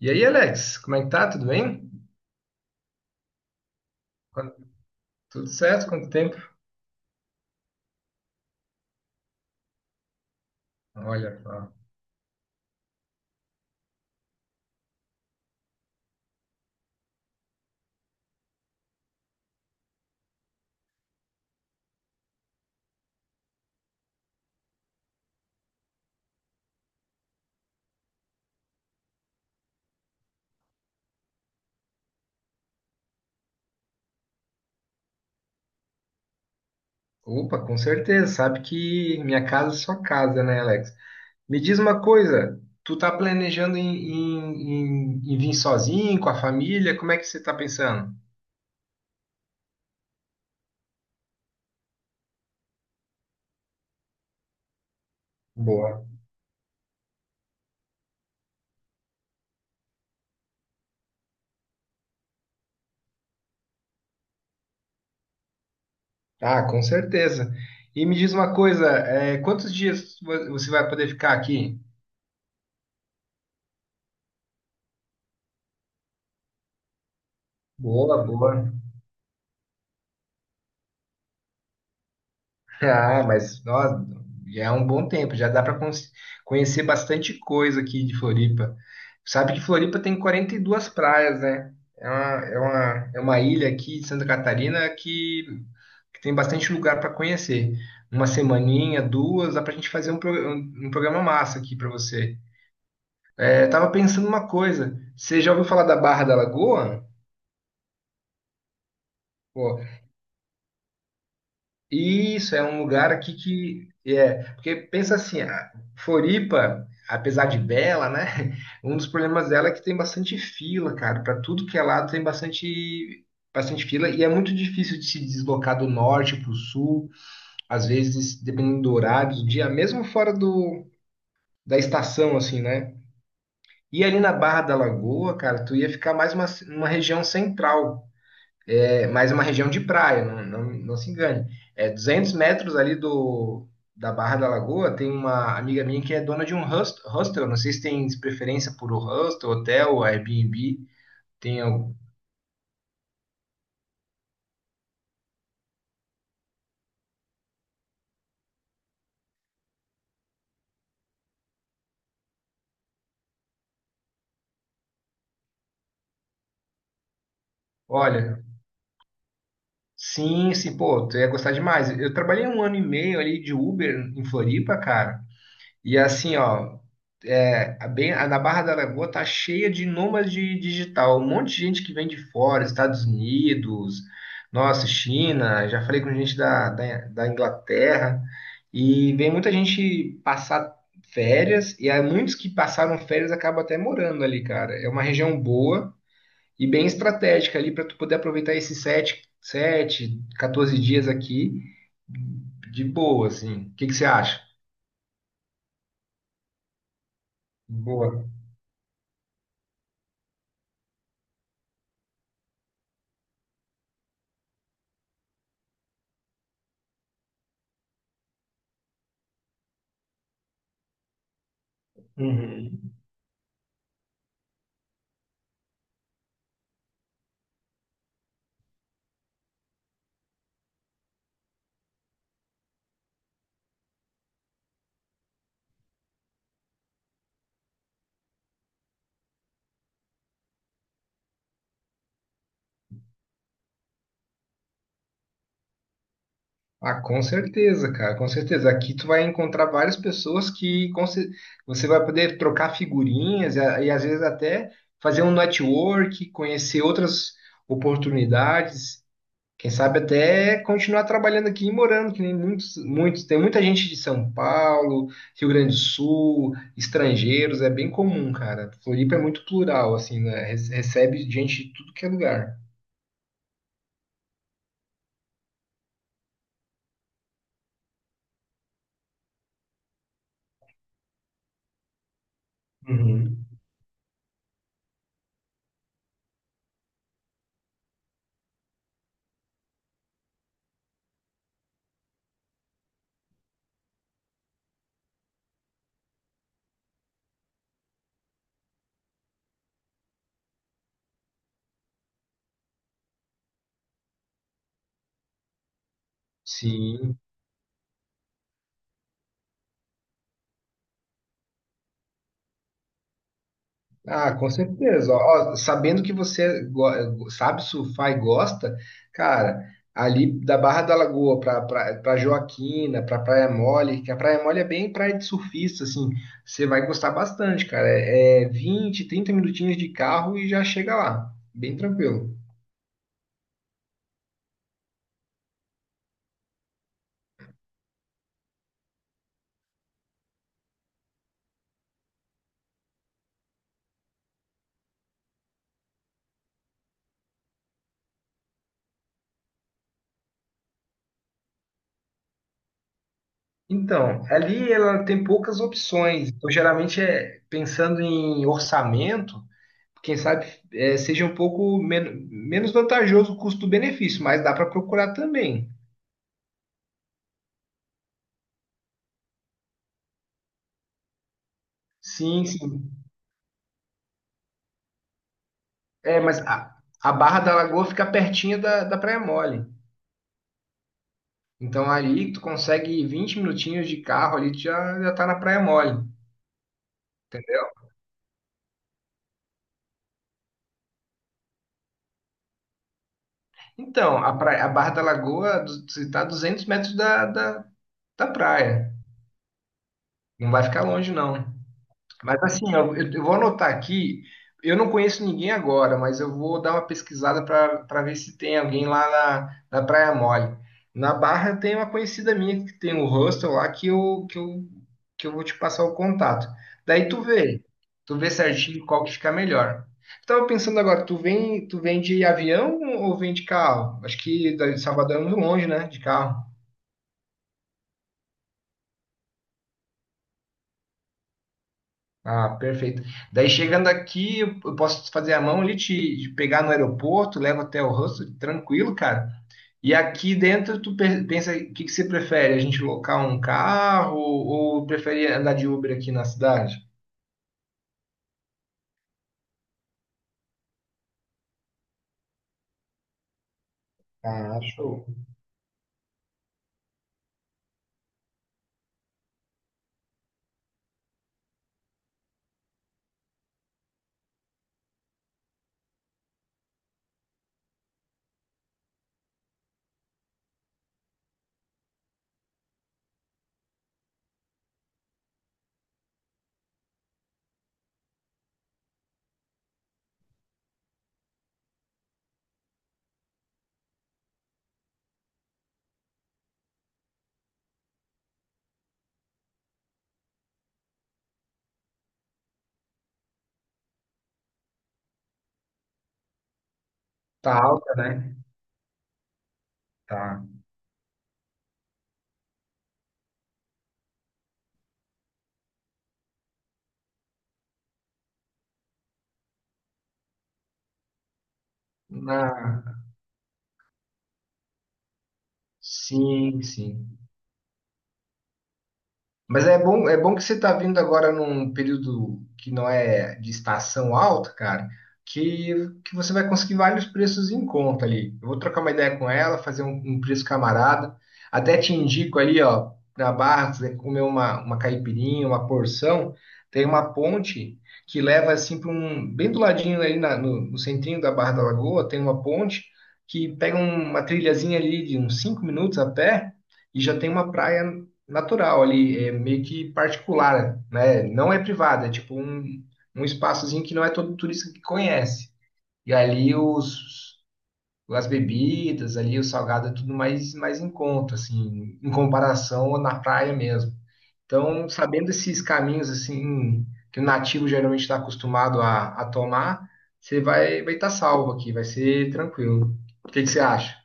E aí, Alex, como é que tá? Tudo bem? Quanto- Tudo certo? Quanto tempo? Olha só. Opa, com certeza. Sabe que minha casa é sua casa, né, Alex? Me diz uma coisa, tu tá planejando em vir sozinho, com a família? Como é que você tá pensando? Boa. Ah, com certeza. E me diz uma coisa, é, quantos dias você vai poder ficar aqui? Boa, boa. Ah, mas nossa, já é um bom tempo, já dá para conhecer bastante coisa aqui de Floripa. Sabe que Floripa tem 42 praias, né? É uma ilha aqui de Santa Catarina que tem bastante lugar para conhecer. Uma semaninha, duas, dá pra gente fazer um programa massa aqui para você. É, tava pensando uma coisa, você já ouviu falar da Barra da Lagoa? Isso é um lugar aqui que é, porque pensa assim, a Floripa, apesar de bela, né? Um dos problemas dela é que tem bastante fila, cara, para tudo que é lado tem bastante fila e é muito difícil de se deslocar do norte para o sul, às vezes dependendo do horário do dia, mesmo fora do da estação assim, né? E ali na Barra da Lagoa, cara, tu ia ficar mais uma região central, é mais uma região de praia, não, não, não se engane. É 200 metros ali da Barra da Lagoa, tem uma amiga minha que é dona de um hostel, não sei se tem preferência por hostel, hotel, Airbnb, tem algo. Olha, sim, sim, pô, tu ia gostar demais. Eu trabalhei um ano e meio ali de Uber em Floripa, cara. E assim, ó, é, a bem, na Barra da Lagoa tá cheia de nômade digital, um monte de gente que vem de fora, Estados Unidos, nossa, China, já falei com gente da Inglaterra, e vem muita gente passar férias, e há muitos que passaram férias acabam até morando ali, cara. É uma região boa e bem estratégica ali para tu poder aproveitar esses 14 dias aqui de boa, assim. O que que você acha? Boa. Uhum. Ah, com certeza, cara, com certeza. Aqui tu vai encontrar várias pessoas que você vai poder trocar figurinhas e, e às vezes até fazer um network, conhecer outras oportunidades, quem sabe até continuar trabalhando aqui e morando, que nem tem muita gente de São Paulo, Rio Grande do Sul, estrangeiros, é bem comum, cara. Floripa é muito plural, assim, né? Recebe gente de tudo que é lugar. Uhum. Sim. Ah, com certeza. Ó, ó, sabendo que você sabe surfar e gosta, cara, ali da Barra da Lagoa para pra Joaquina, para Praia Mole, que a Praia Mole é bem praia de surfista, assim, você vai gostar bastante, cara. 20, 30 minutinhos de carro e já chega lá, bem tranquilo. Então, ali ela tem poucas opções. Então, geralmente é pensando em orçamento. Quem sabe é, seja um pouco menos vantajoso o custo-benefício, mas dá para procurar também. Sim, sim. É, mas a Barra da Lagoa fica pertinho da Praia Mole. Então ali tu consegue 20 minutinhos de carro ali, tu já tá na Praia Mole. Então, a, a Barra da Lagoa você tá a 200 metros da praia. Não vai ficar longe, não. Mas assim, eu vou anotar aqui. Eu não conheço ninguém agora, mas eu vou dar uma pesquisada para ver se tem alguém lá na Praia Mole. Na Barra tem uma conhecida minha que tem um hostel lá que eu vou te passar o contato. Daí tu vê certinho qual que fica melhor. Estava pensando agora, tu vem de avião ou vem de carro? Acho que de Salvador é muito longe, né? De carro. Ah, perfeito. Daí chegando aqui, eu posso fazer a mão ali, te pegar no aeroporto, levo até o hostel, tranquilo, cara. E aqui dentro, tu pensa, o que que você prefere? A gente locar um carro ou prefere andar de Uber aqui na cidade? Ah, show. Tá alta, né? Tá. Na... Sim, sim. Mas é bom que você está vindo agora num período que não é de estação alta, cara, que, que você vai conseguir vários preços em conta ali. Eu vou trocar uma ideia com ela, fazer um preço camarada. Até te indico ali, ó, na Barra, se você comer uma caipirinha, uma porção, tem uma ponte que leva assim para um. Bem do ladinho ali no centrinho da Barra da Lagoa, tem uma ponte que pega um, uma trilhazinha ali de uns 5 minutos a pé e já tem uma praia natural ali, é meio que particular, né? Não é privada, é tipo um, um espaçozinho que não é todo turista que conhece. E ali as bebidas, ali o salgado é tudo mais, mais em conta, assim, em comparação na praia mesmo. Então, sabendo esses caminhos, assim, que o nativo geralmente está acostumado a tomar, você vai estar salvo aqui, vai ser tranquilo. O que que você acha?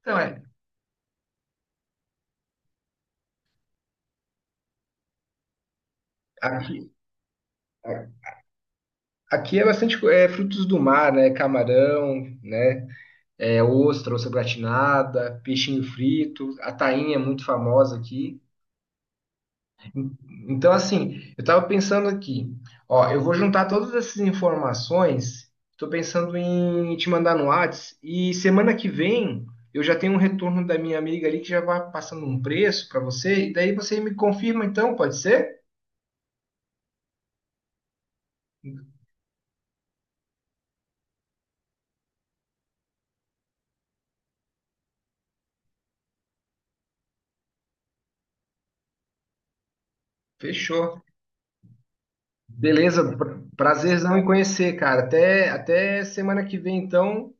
Então, é, aqui, Aqui é bastante é, frutos do mar, né? Camarão, né? É, ostra, ostra gratinada, peixinho frito, a tainha é muito famosa aqui. Então, assim, eu estava pensando aqui, ó, eu vou juntar todas essas informações, estou pensando em te mandar no Whats, e semana que vem eu já tenho um retorno da minha amiga ali que já vai passando um preço para você, e daí você me confirma então, pode ser? Fechou. Beleza, prazerzão em conhecer, cara. Até, até semana que vem, então.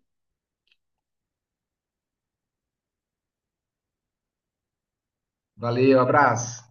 Valeu, abraço.